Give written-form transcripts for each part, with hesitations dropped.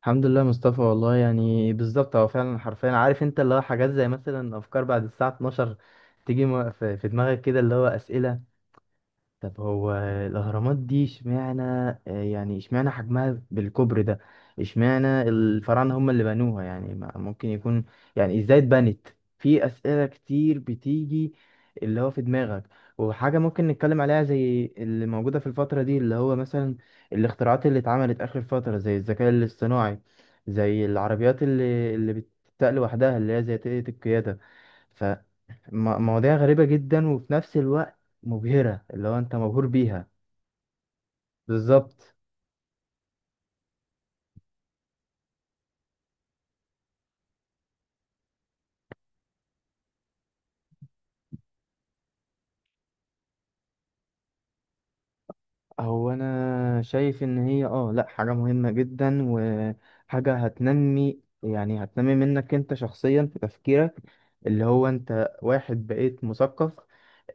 الحمد لله مصطفى. والله يعني بالظبط هو فعلا حرفيا عارف، انت اللي هو حاجات زي مثلا افكار بعد الساعه 12 تيجي في دماغك كده، اللي هو اسئله. طب هو الأهرامات دي اشمعنى، يعني اشمعنى حجمها بالكبر ده؟ اشمعنى الفراعنة هم اللي بنوها؟ يعني ممكن يكون، يعني ازاي اتبنت؟ في أسئلة كتير بتيجي اللي هو في دماغك. وحاجة ممكن نتكلم عليها زي اللي موجودة في الفترة دي، اللي هو مثلا الاختراعات اللي اتعملت آخر فترة، زي الذكاء الاصطناعي، زي العربيات اللي بتتقل لوحدها، اللي هي زي تقنية القيادة. مواضيع غريبة جدا وفي نفس الوقت مبهرة، اللي هو انت مبهور بيها. بالظبط. هو انا شايف ان هي، اه، لا، حاجة مهمة جدا، وحاجة هتنمي، يعني هتنمي منك انت شخصيا في تفكيرك. اللي هو انت واحد بقيت مثقف.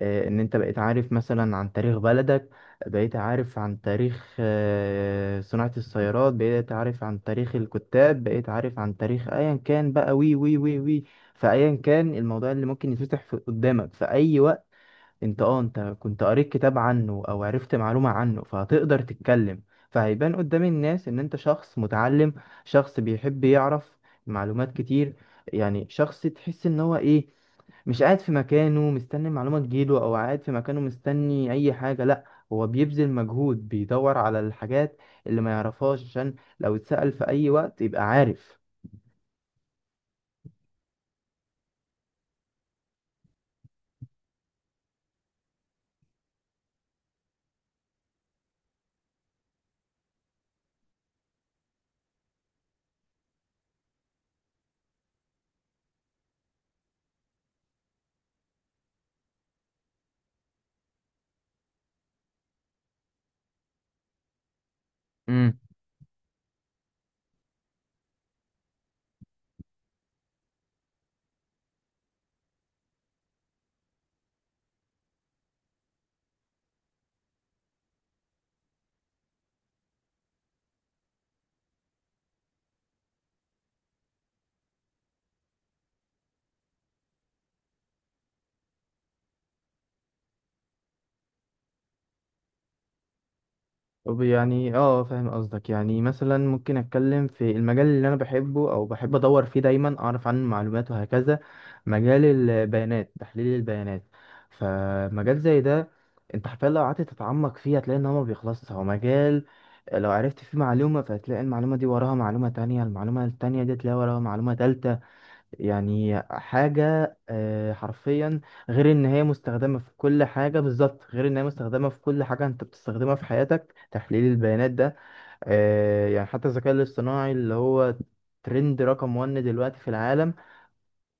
ان انت بقيت عارف مثلا عن تاريخ بلدك، بقيت عارف عن تاريخ، صناعة السيارات، بقيت عارف عن تاريخ الكتاب، بقيت عارف عن تاريخ ايا كان بقى، وي. فايا كان الموضوع اللي ممكن يتفتح قدامك في اي وقت، انت، اه، انت كنت قريت كتاب عنه او عرفت معلومة عنه، فهتقدر تتكلم. فهيبان قدام الناس ان انت شخص متعلم، شخص بيحب يعرف معلومات كتير. يعني شخص تحس ان هو ايه، مش قاعد في مكانه مستني المعلومة تجيله، أو قاعد في مكانه مستني أي حاجة، لأ، هو بيبذل مجهود، بيدور على الحاجات اللي ما يعرفهاش، عشان لو اتسأل في أي وقت يبقى عارف. طب يعني، اه، فاهم قصدك. يعني مثلا ممكن اتكلم في المجال اللي انا بحبه او بحب ادور فيه دايما اعرف عنه معلومات وهكذا. مجال البيانات، تحليل البيانات. فمجال زي ده انت حرفيا لو قعدت تتعمق فيه هتلاقي ان هو ما بيخلصش. هو مجال لو عرفت فيه معلومة فهتلاقي المعلومة دي وراها معلومة تانية، المعلومة التانية دي تلاقي وراها معلومة تالتة. يعني حاجة، حرفيا، غير ان هي مستخدمة في كل حاجة. بالظبط، غير ان هي مستخدمة في كل حاجة انت بتستخدمها في حياتك، تحليل البيانات ده. يعني حتى الذكاء الاصطناعي، اللي هو ترند رقم 1 دلوقتي في العالم،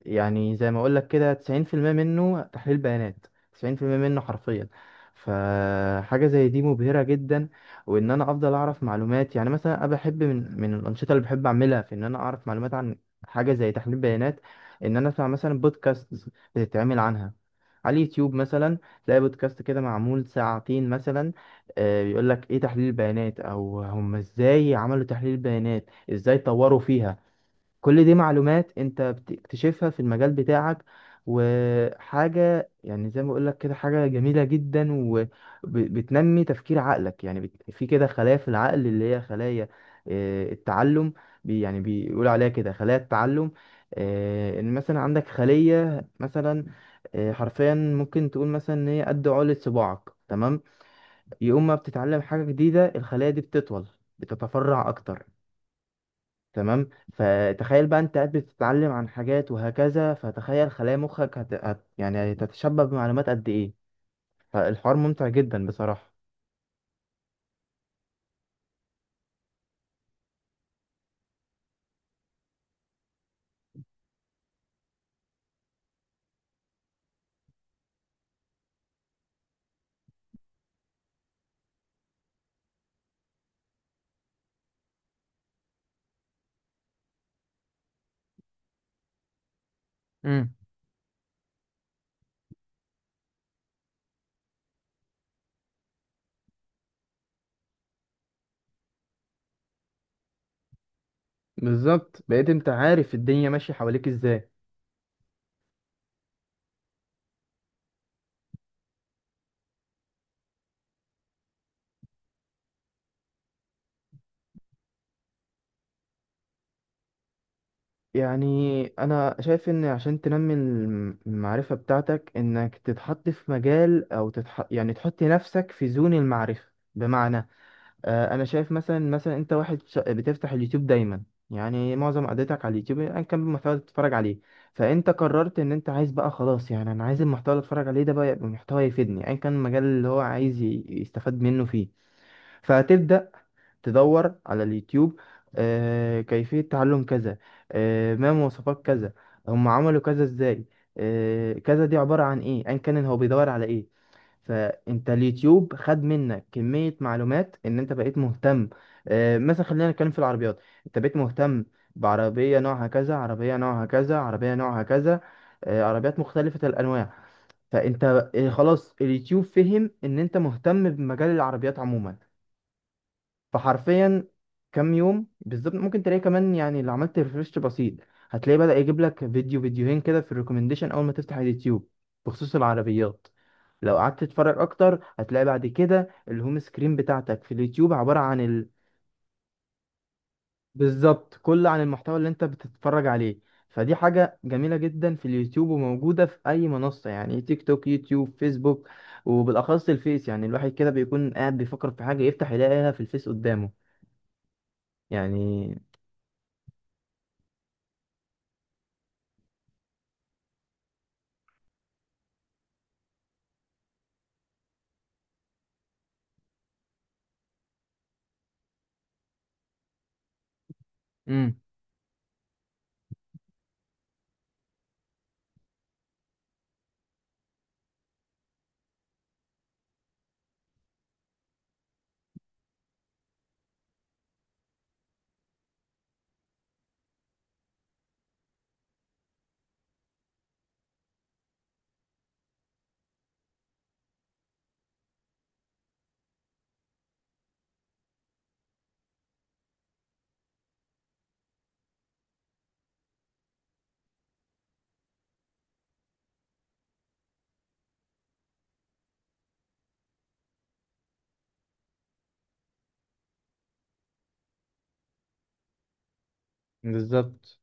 يعني زي ما اقول لك كده 90% منه تحليل بيانات، 90% منه حرفيا. فحاجة زي دي مبهرة جدا. وان انا افضل اعرف معلومات، يعني مثلا انا بحب من الانشطة اللي بحب اعملها، في ان انا اعرف معلومات عن حاجة زي تحليل بيانات، ان انا اسمع مثلا بودكاست بتتعمل عنها على اليوتيوب مثلا. تلاقي بودكاست كده معمول ساعتين مثلا، بيقول لك ايه تحليل البيانات، او هم ازاي عملوا تحليل البيانات، ازاي طوروا فيها. كل دي معلومات انت بتكتشفها في المجال بتاعك. وحاجة يعني زي ما بقولك كده حاجة جميلة جدا، وبتنمي تفكير عقلك. يعني في كده خلايا في العقل، اللي هي خلايا، التعلم. يعني بيقولوا عليها كده خلايا التعلم. ان مثلا عندك خلية مثلا، حرفيا ممكن تقول مثلا ان هي قد عقلة صباعك، تمام؟ يقوم ما بتتعلم حاجة جديدة الخلية دي بتطول، بتتفرع اكتر. تمام، فتخيل بقى انت قاعد بتتعلم عن حاجات وهكذا، فتخيل خلايا مخك يعني هتتشبع بمعلومات قد ايه. فالحوار ممتع جدا بصراحة. امم. بالظبط، بقيت انت عارف الدنيا ماشية حواليك ازاي. يعني انا شايف ان عشان تنمي المعرفة بتاعتك، انك تتحط في مجال، او يعني تحط نفسك في زون المعرفة. بمعنى، انا شايف مثلا، مثلا انت واحد بتفتح اليوتيوب دايما، يعني معظم قعدتك على اليوتيوب، ايا كان المحتوى اللي بتتفرج عليه. فانت قررت ان انت عايز بقى، خلاص يعني انا عايز المحتوى اللي اتفرج عليه ده بقى يبقى محتوى يفيدني، ايا كان المجال اللي هو عايز يستفاد منه فيه. فهتبدأ تدور على اليوتيوب، كيفية تعلم كذا، ما مواصفات كذا، هم عملوا كذا ازاي، كذا دي عبارة عن ايه، ايا كان هو بيدور على ايه. فانت اليوتيوب خد منك كمية معلومات، ان انت بقيت مهتم. مثلا خلينا نتكلم في العربيات. انت بقيت مهتم بعربية نوعها كذا، عربية نوعها كذا، عربية نوعها كذا، عربيات مختلفة الانواع. فانت، خلاص اليوتيوب فهم ان انت مهتم بمجال العربيات عموما. فحرفيا كام يوم بالظبط ممكن تلاقي كمان، يعني لو عملت ريفرش بسيط هتلاقي بدأ يجيب لك فيديو فيديوهين كده في الريكومنديشن اول ما تفتح اليوتيوب، بخصوص العربيات. لو قعدت تتفرج اكتر هتلاقي بعد كده الهوم سكرين بتاعتك في اليوتيوب عبارة عن ال... بالظبط، كل عن المحتوى اللي انت بتتفرج عليه. فدي حاجة جميلة جدا في اليوتيوب وموجودة في أي منصة، يعني تيك توك، يوتيوب، فيسبوك. وبالأخص الفيس، يعني الواحد كده بيكون قاعد بيفكر في حاجة، يفتح يلاقيها في الفيس قدامه. يعني. مم. بالظبط.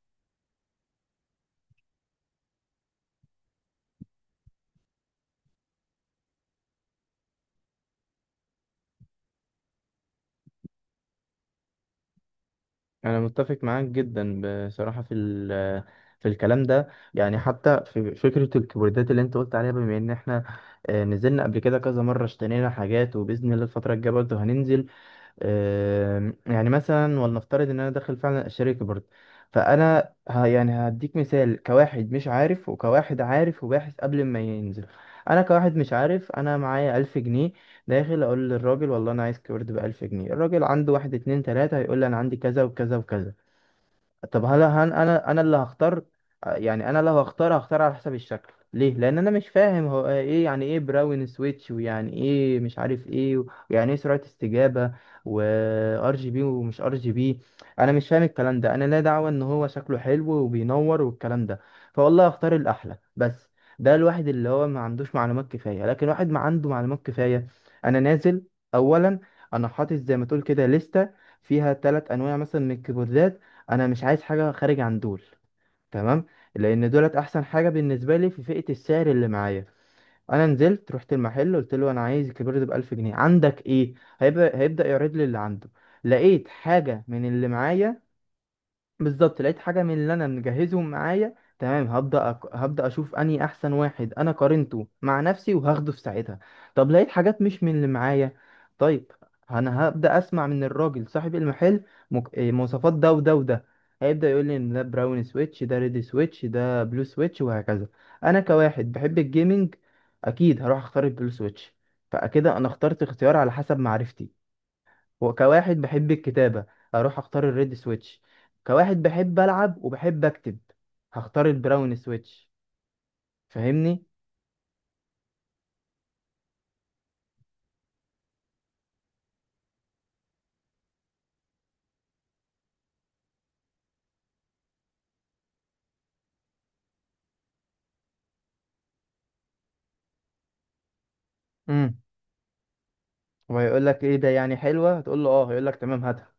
انا متفق معاك جدا. بصراحه في الكلام ده، يعني حتى في فكره الكيبوردات اللي انت قلت عليها، بما ان احنا، نزلنا قبل كده كذا مره، اشترينا حاجات، وباذن الله الفتره الجايه برضه هننزل. يعني مثلا ولنفترض ان انا داخل فعلا اشترك برضه. فانا يعني هديك مثال، كواحد مش عارف، وكواحد عارف وباحث قبل ما ينزل. انا كواحد مش عارف، انا معايا ألف جنيه. داخل اقول للراجل والله انا عايز كيورد بألف جنيه. الراجل عنده واحد اتنين تلاتة، هيقول لي انا عندي كذا وكذا وكذا. طب هل هن انا انا اللي هختار؟ يعني انا لو هختار هختار على حسب الشكل. ليه؟ لان انا مش فاهم هو ايه، يعني ايه براون سويتش، ويعني ايه مش عارف ايه، ويعني ايه سرعة استجابة، وار جي بي ومش ار جي بي. انا مش فاهم الكلام ده. انا لا دعوة، ان هو شكله حلو وبينور والكلام ده، فوالله هختار الاحلى بس. ده الواحد اللي هو ما عندوش معلومات كفاية. لكن واحد ما عنده معلومات كفاية، انا نازل، اولا، انا حاطط زي ما تقول كده لستة فيها ثلاث انواع مثلا من الكيبوردات، انا مش عايز حاجه خارج عن دول، تمام؟ لان دولت احسن حاجه بالنسبه لي في فئه السعر اللي معايا. انا نزلت رحت المحل، قلت له انا عايز الكبير ده 1000 جنيه، عندك ايه؟ هيبقى هيبدا يعرض لي اللي عنده. لقيت حاجه من اللي معايا. بالظبط، لقيت حاجه من اللي انا مجهزهم معايا، تمام، هبدا هبدا اشوف اني احسن واحد، انا قارنته مع نفسي وهاخده في ساعتها. طب لقيت حاجات مش من اللي معايا. طيب انا هبدا اسمع من الراجل صاحب المحل، مك... إيه، مواصفات ده وده وده. هيبدا يقول لي إن ده براون سويتش، ده ريد سويتش، ده بلو سويتش، وهكذا. انا كواحد بحب الجيمنج، اكيد هروح اختار البلو سويتش. فكده انا اخترت اختيار على حسب معرفتي. وكواحد بحب الكتابة اروح اختار الريد سويتش. كواحد بحب العب وبحب اكتب هختار البراون سويتش. فاهمني. امم. وهيقول لك ايه ده، يعني حلوة؟ هتقول له اه، هيقول لك تمام هاتها.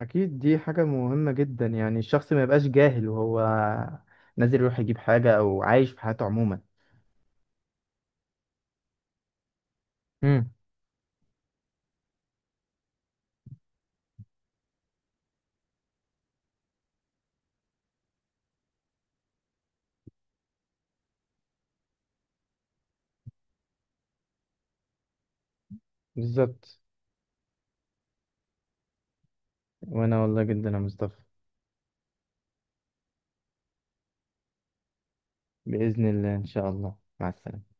اكيد دي حاجة مهمة جدا، يعني الشخص ما يبقاش جاهل وهو نازل يروح يجيب حاجة، او عايش في حياته عموما. امم. بالظبط. وانا والله جدا يا مصطفى. بإذن الله، ان شاء الله، مع السلامة.